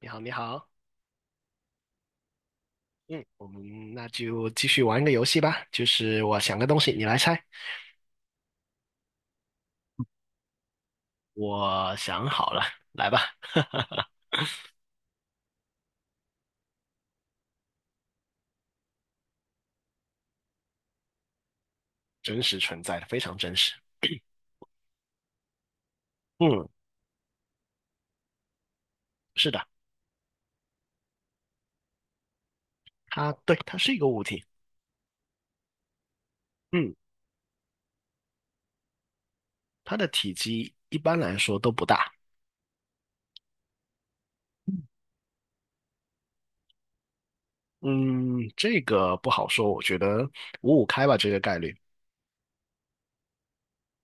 你好，你好。嗯，我们那就继续玩个游戏吧，就是我想个东西，你来猜。我想好了，来吧。真实存在的，非常真实。嗯，是的。它对，它是一个物体。嗯，它的体积一般来说都不大。嗯，这个不好说，我觉得五五开吧，这个概率。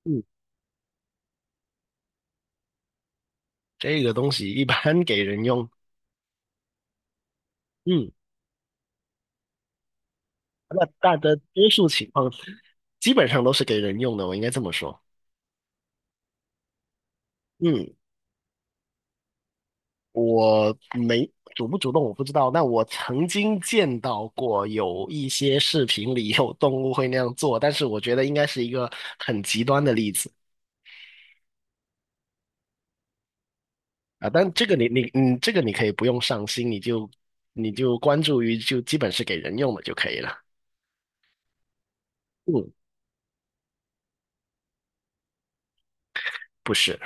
嗯，这个东西一般给人用。嗯，那大的多数情况基本上都是给人用的，我应该这么说。嗯。我没主不主动我不知道，但我曾经见到过有一些视频里有动物会那样做，但是我觉得应该是一个很极端的例子啊。但这个你你嗯，这个你可以不用上心，你就关注于就基本是给人用的就可以了。嗯，不是。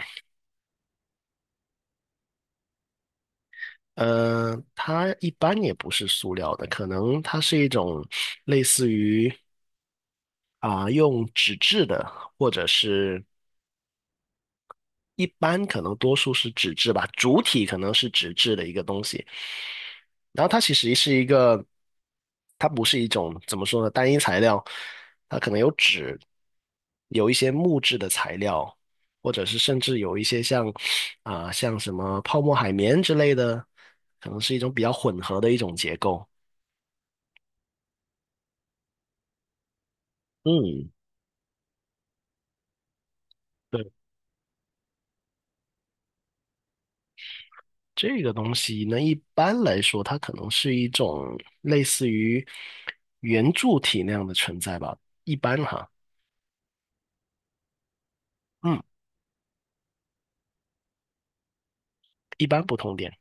它一般也不是塑料的，可能它是一种类似于用纸质的，或者是一般可能多数是纸质吧，主体可能是纸质的一个东西。然后它不是一种怎么说呢，单一材料，它可能有纸，有一些木质的材料，或者是甚至有一些像像什么泡沫海绵之类的，可能是一种比较混合的一种结构。嗯，对，这个东西呢，一般来说，它可能是一种类似于圆柱体那样的存在吧，一般哈。嗯，一般不通电。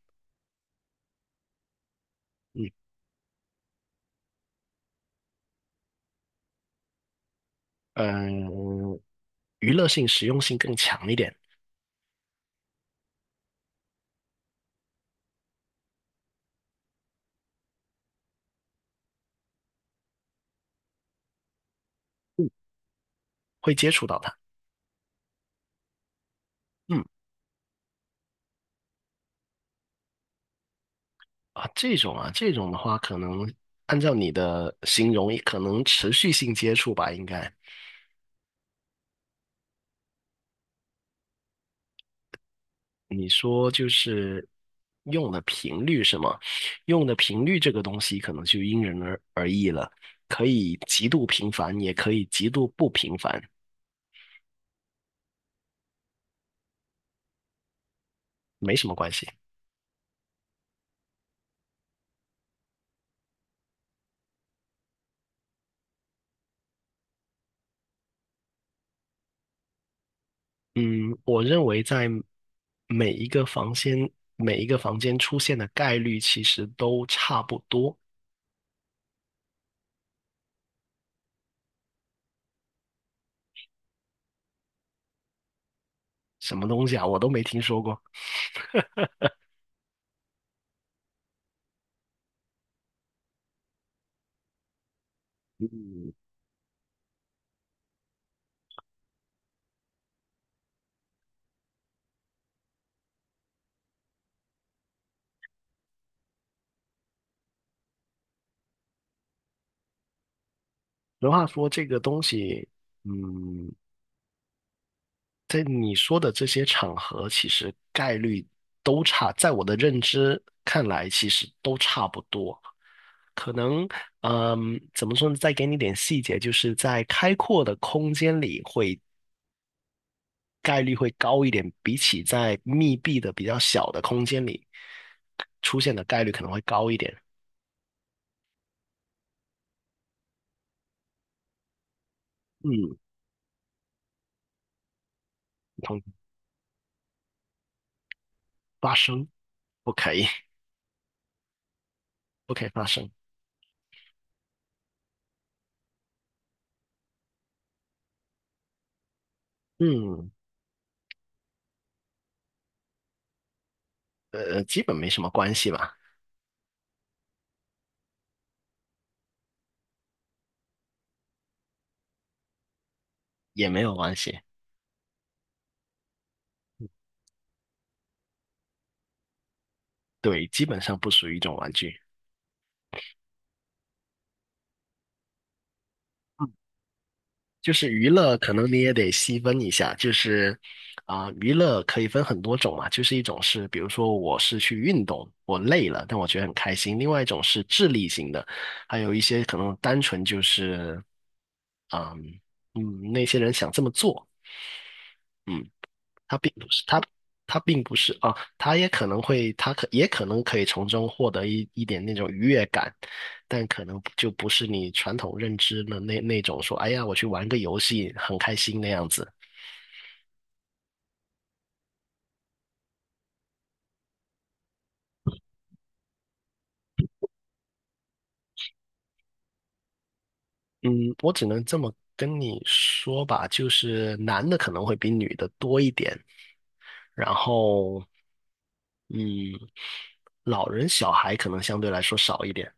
嗯嗯，娱乐性、实用性更强一点。嗯，会接触到它。嗯这种的话，可能按照你的形容，可能持续性接触吧，应该你说就是用的频率是吗？用的频率这个东西，可能就因人而异了，可以极度频繁，也可以极度不频繁，没什么关系。嗯，我认为在每一个房间每一个房间出现的概率其实都差不多。什么东西啊，我都没听说过。嗯，俗话说，这个东西。嗯，在你说的这些场合，其实概率都差，在我的认知看来，其实都差不多。可能，怎么说呢？再给你点细节，就是在开阔的空间里概率会高一点，比起在密闭的比较小的空间里出现的概率可能会高一点。嗯，同发生不可以，不可以发生。嗯，基本没什么关系吧，也没有关系。对，基本上不属于一种玩具。嗯，就是娱乐，可能你也得细分一下，就是娱乐可以分很多种嘛，就是一种是，比如说我是去运动，我累了，但我觉得很开心；另外一种是智力型的，还有一些可能单纯就是，嗯嗯，那些人想这么做。嗯，他并不是他，他并不是啊，他也可能可以从中获得一点那种愉悦感，但可能就不是你传统认知的那种说，哎呀，我去玩个游戏很开心那样子。嗯，我只能这么跟你说吧，就是男的可能会比女的多一点，然后，嗯，老人小孩可能相对来说少一点。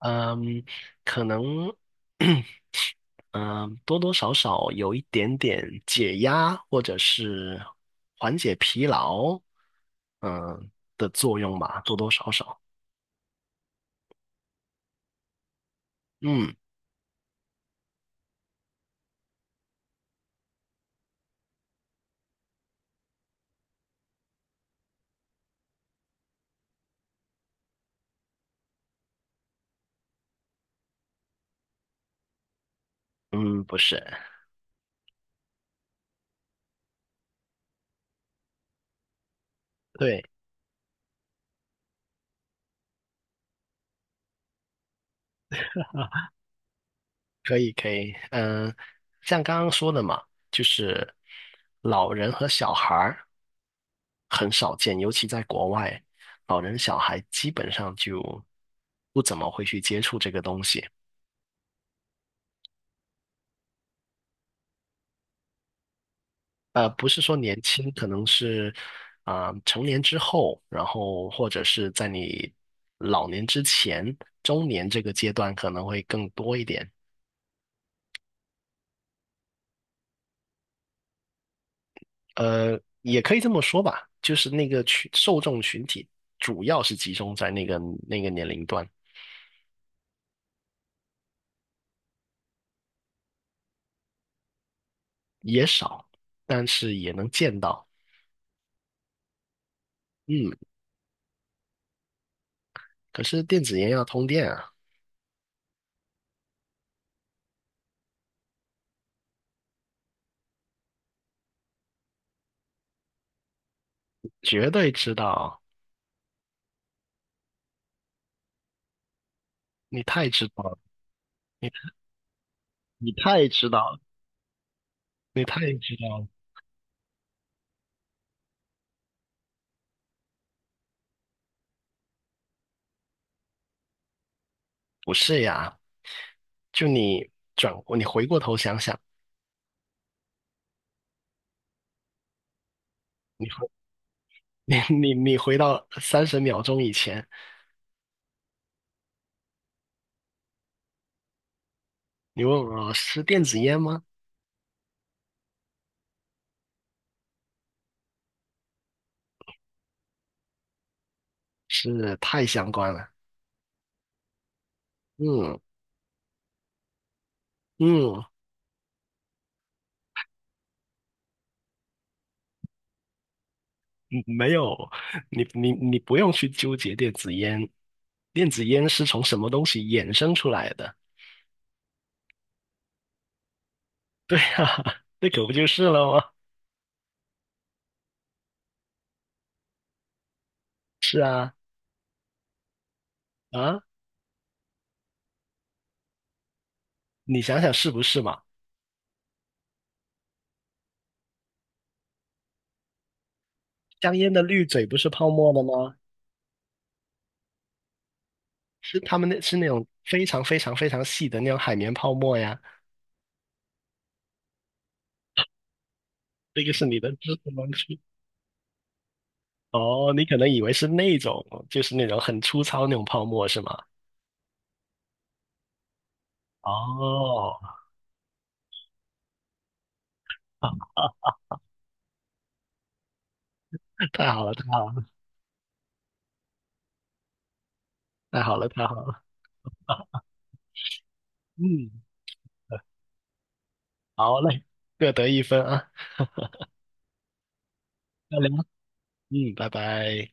嗯，可能。嗯，多多少少有一点点解压或者是缓解疲劳嗯的作用吧，多多少少。嗯嗯，不是，对。可以可以，像刚刚说的嘛，就是老人和小孩儿很少见，尤其在国外，老人小孩基本上就不怎么会去接触这个东西。不是说年轻，可能是成年之后，然后或者是在你老年之前，中年这个阶段可能会更多一点。也可以这么说吧，就是那个群受众群体主要是集中在那个年龄段，也少，但是也能见到。嗯，可是电子烟要通电啊。绝对知道，你太知道了，你你太知道了，你太知道了。不是呀。就你转过，你回过头想想。你回 你你回到30秒钟以前，你问我是电子烟吗？是太相关了。嗯嗯，嗯，没有。你不用去纠结电子烟，电子烟是从什么东西衍生出来的？哈哈那可不就是了吗？是啊。啊，你想想是不是嘛？香烟的滤嘴不是泡沫的吗？是他们那是那种非常非常非常细的那种海绵泡沫呀。这个是你的知识盲区。哦，你可能以为是那种，就是那种很粗糙那种泡沫是吗？哦，啊啊太好了，太好了，太好了，太好了。嗯，好嘞，各得一分啊。再聊。拜拜。